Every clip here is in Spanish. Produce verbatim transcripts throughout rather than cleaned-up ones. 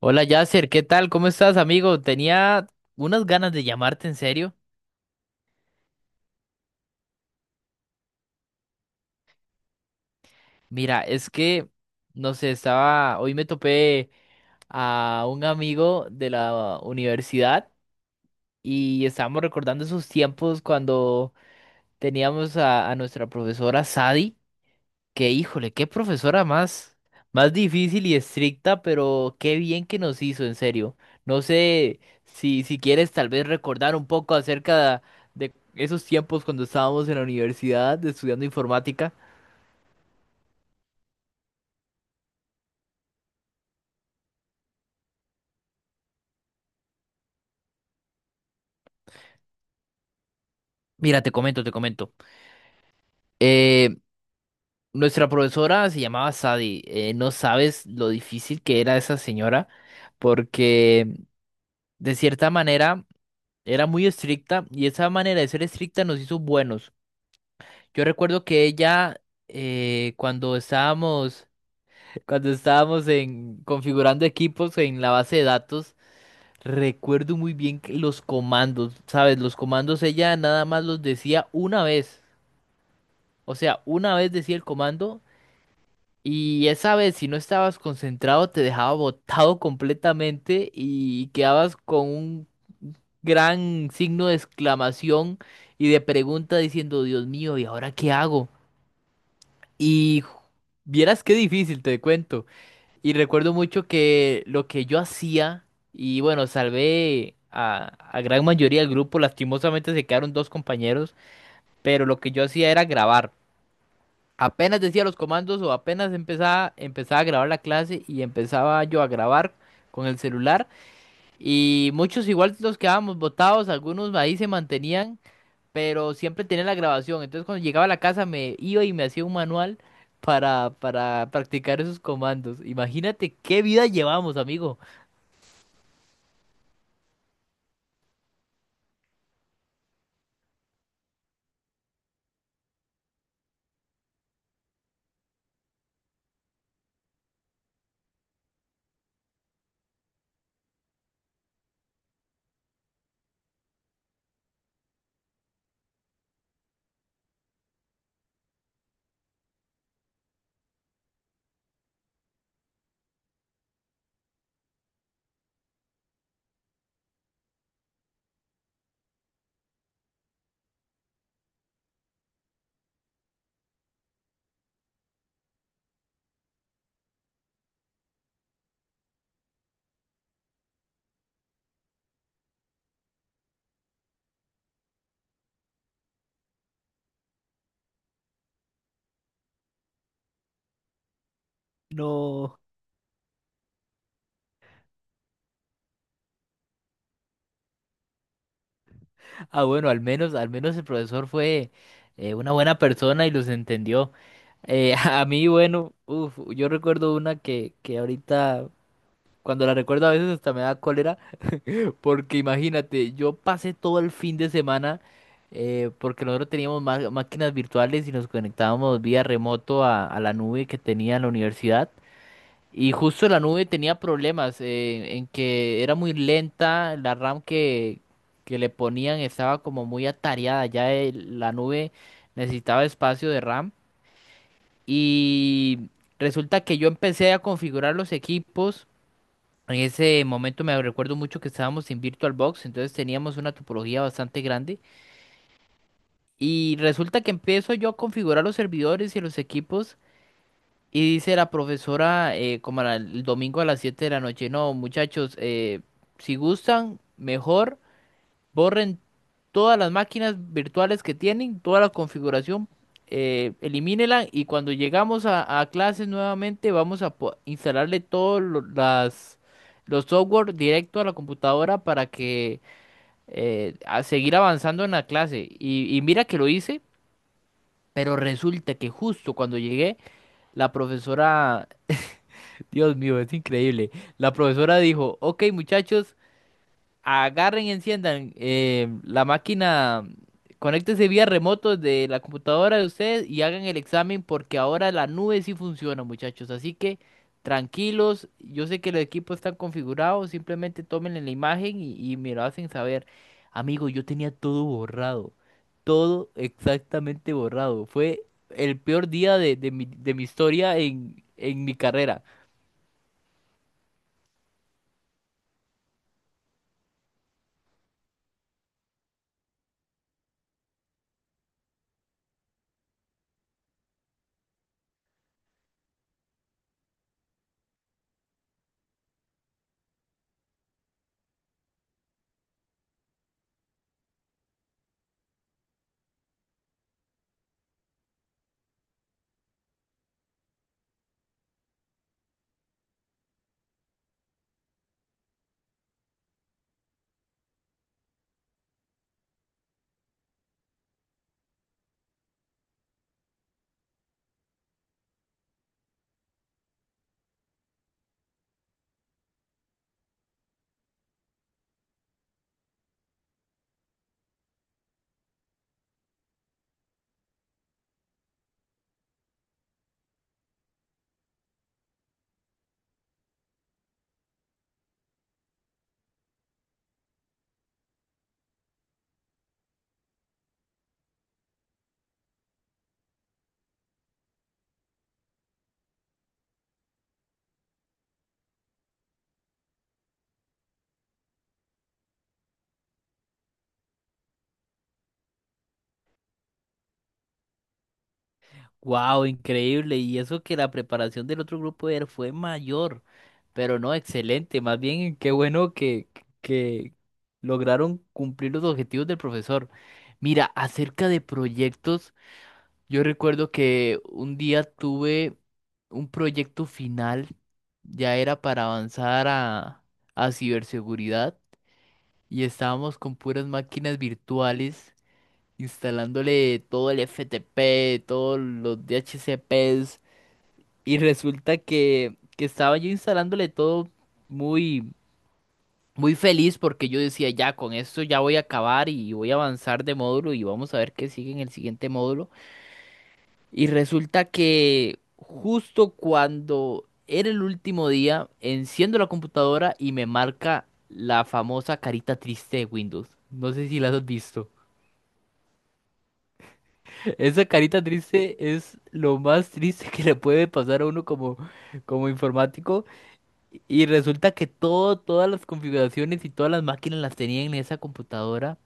Hola Yasser, ¿qué tal? ¿Cómo estás, amigo? Tenía unas ganas de llamarte en serio. Mira, es que, no sé, estaba, hoy me topé a un amigo de la universidad y estábamos recordando esos tiempos cuando teníamos a, a nuestra profesora Sadi. Que híjole, qué profesora más, más difícil y estricta, pero qué bien que nos hizo, en serio. No sé si, si quieres tal vez recordar un poco acerca de esos tiempos cuando estábamos en la universidad estudiando informática. Mira, te comento, te comento. Eh, Nuestra profesora se llamaba Sadie. Eh, no sabes lo difícil que era esa señora, porque de cierta manera era muy estricta y esa manera de ser estricta nos hizo buenos. Yo recuerdo que ella, eh, cuando estábamos, cuando estábamos en, configurando equipos en la base de datos, recuerdo muy bien que los comandos, ¿sabes? Los comandos ella nada más los decía una vez. O sea, una vez decía el comando y esa vez si no estabas concentrado te dejaba botado completamente y quedabas con un gran signo de exclamación y de pregunta diciendo, Dios mío, ¿y ahora qué hago? Y ju- Vieras qué difícil, te cuento. Y recuerdo mucho que lo que yo hacía, y bueno, salvé a, a gran mayoría del grupo, lastimosamente se quedaron dos compañeros, pero lo que yo hacía era grabar. Apenas decía los comandos o apenas empezaba, empezaba a grabar la clase y empezaba yo a grabar con el celular. Y muchos igual nos quedábamos botados, algunos ahí se mantenían pero siempre tenía la grabación. Entonces cuando llegaba a la casa me iba y me hacía un manual para, para practicar esos comandos. Imagínate qué vida llevamos, amigo. No. Ah, bueno, al menos, al menos el profesor fue eh, una buena persona y los entendió. Eh, a mí, bueno, uf, yo recuerdo una que, que ahorita, cuando la recuerdo a veces hasta me da cólera. Porque imagínate, yo pasé todo el fin de semana eh, porque nosotros teníamos ma- máquinas virtuales y nos conectábamos vía remoto a, a la nube que tenía la universidad. Y justo la nube tenía problemas eh, en que era muy lenta, la RAM que, que le ponían estaba como muy atareada, ya el- la nube necesitaba espacio de RAM. Y resulta que yo empecé a configurar los equipos. En ese momento me recuerdo mucho que estábamos en VirtualBox, entonces teníamos una topología bastante grande. Y resulta que empiezo yo a configurar los servidores y los equipos. Y dice la profesora, eh, como era el domingo a las siete de la noche, no, muchachos, eh, si gustan, mejor. Borren todas las máquinas virtuales que tienen, toda la configuración, eh, elimínela y cuando llegamos a, a clases nuevamente vamos a po- instalarle todos lo- las, los software directo a la computadora para que eh, a seguir avanzando en la clase. Y, y mira que lo hice, pero resulta que justo cuando llegué, la profesora, Dios mío, es increíble, la profesora dijo, ok muchachos, agarren y enciendan eh, la máquina, conéctense vía remoto de la computadora de ustedes y hagan el examen porque ahora la nube sí funciona, muchachos. Así que tranquilos, yo sé que los equipos están configurados, simplemente tomen la imagen y, y me lo hacen saber. Amigo, yo tenía todo borrado, todo exactamente borrado. Fue el peor día de, de mi, de mi historia en, en mi carrera. Wow, increíble. Y eso que la preparación del otro grupo era, fue mayor. Pero no, excelente. Más bien, qué bueno que, que lograron cumplir los objetivos del profesor. Mira, acerca de proyectos, yo recuerdo que un día tuve un proyecto final, ya era para avanzar a, a ciberseguridad y estábamos con puras máquinas virtuales, instalándole todo el F T P, todos los D H C Ps y resulta que, que estaba yo instalándole todo muy muy feliz porque yo decía, ya con esto ya voy a acabar y voy a avanzar de módulo y vamos a ver qué sigue en el siguiente módulo. Y resulta que justo cuando era el último día, enciendo la computadora y me marca la famosa carita triste de Windows. No sé si la has visto. Esa carita triste es lo más triste que le puede pasar a uno como, como informático. Y resulta que todo, todas las configuraciones y todas las máquinas las tenía en esa computadora.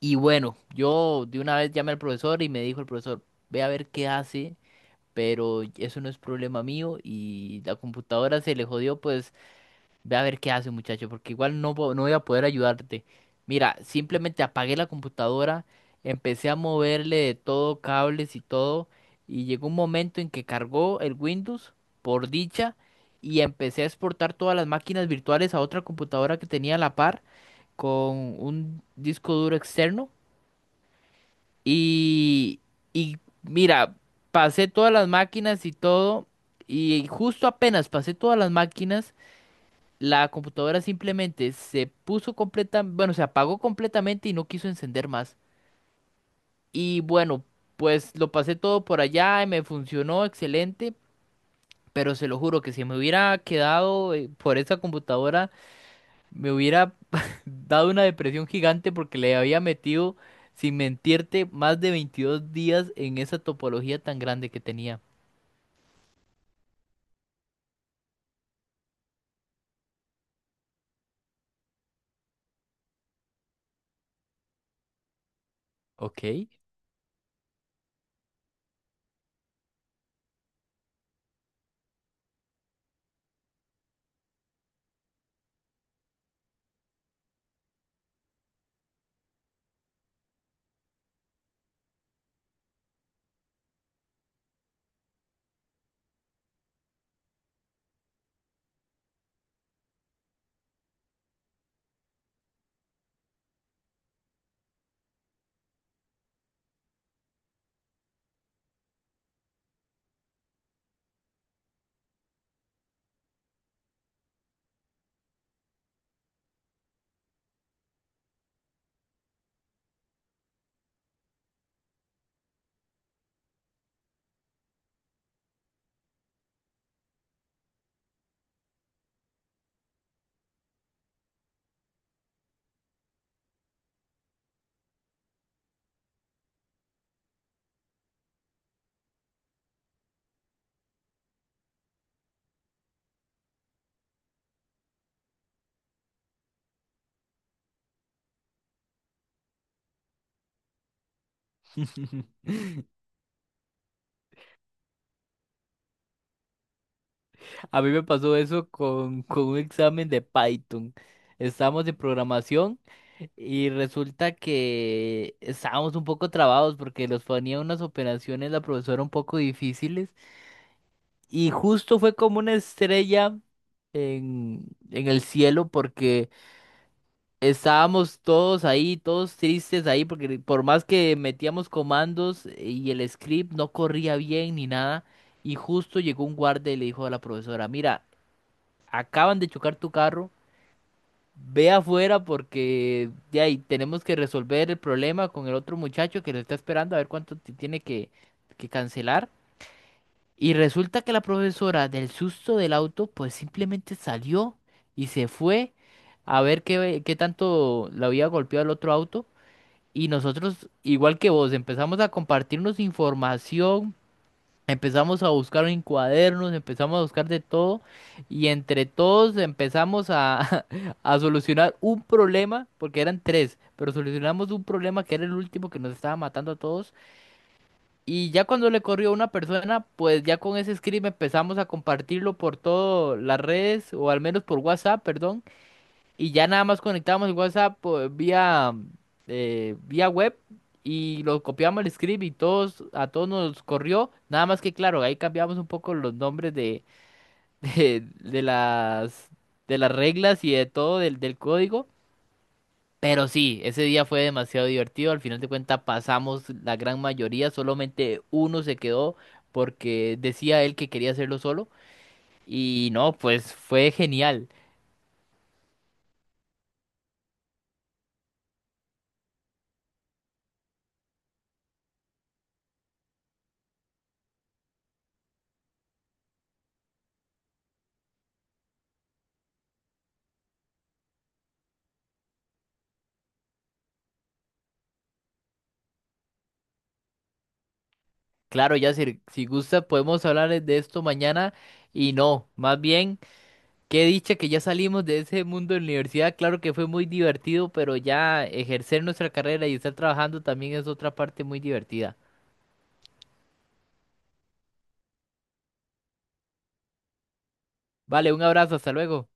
Y bueno, yo de una vez llamé al profesor y me dijo el profesor, ve a ver qué hace, pero eso no es problema mío y la computadora se le jodió, pues ve a ver qué hace muchacho, porque igual no, po- no voy a poder ayudarte. Mira, simplemente apagué la computadora, empecé a moverle de todo, cables y todo, y llegó un momento en que cargó el Windows, por dicha, y empecé a exportar todas las máquinas virtuales a otra computadora que tenía a la par con un disco duro externo. Y, y mira, pasé todas las máquinas y todo, y justo apenas pasé todas las máquinas, la computadora simplemente se puso completa, bueno, se apagó completamente y no quiso encender más. Y bueno, pues lo pasé todo por allá y me funcionó excelente, pero se lo juro que si me hubiera quedado eh, por esa computadora me hubiera dado una depresión gigante porque le había metido, sin mentirte, más de veintidós días en esa topología tan grande que tenía. Ok. A mí me pasó eso con, con un examen de Python. Estábamos de programación y resulta que estábamos un poco trabados porque nos ponía unas operaciones la profesora un poco difíciles y justo fue como una estrella en, en el cielo porque estábamos todos ahí, todos tristes ahí, porque por más que metíamos comandos eh, y el script no corría bien ni nada, y justo llegó un guardia y le dijo a la profesora, mira, acaban de chocar tu carro, ve afuera porque de ahí tenemos que resolver el problema con el otro muchacho que lo está esperando a ver cuánto ti- tiene que, que cancelar. Y resulta que la profesora del susto del auto, pues simplemente salió y se fue a ver qué, qué tanto la había golpeado el otro auto. Y nosotros, igual que vos, empezamos a compartirnos información, empezamos a buscar en cuadernos, empezamos a buscar de todo, y entre todos empezamos a, a solucionar un problema, porque eran tres, pero solucionamos un problema que era el último que nos estaba matando a todos. Y ya cuando le corrió a una persona, pues ya con ese script empezamos a compartirlo por todas las redes, o al menos por WhatsApp, perdón y ya nada más conectábamos el WhatsApp pues, vía, eh, vía web y lo copiamos el script y todos, a todos nos corrió. Nada más que claro, ahí cambiamos un poco los nombres de, de, de las, de las reglas y de todo del, del código. Pero sí, ese día fue demasiado divertido. Al final de cuentas pasamos la gran mayoría, solamente uno se quedó porque decía él que quería hacerlo solo. Y no, pues fue genial. Claro, Yacir, si gusta podemos hablar de esto mañana y no, más bien, qué dicha que ya salimos de ese mundo de la universidad, claro que fue muy divertido, pero ya ejercer nuestra carrera y estar trabajando también es otra parte muy divertida. Vale, un abrazo, hasta luego.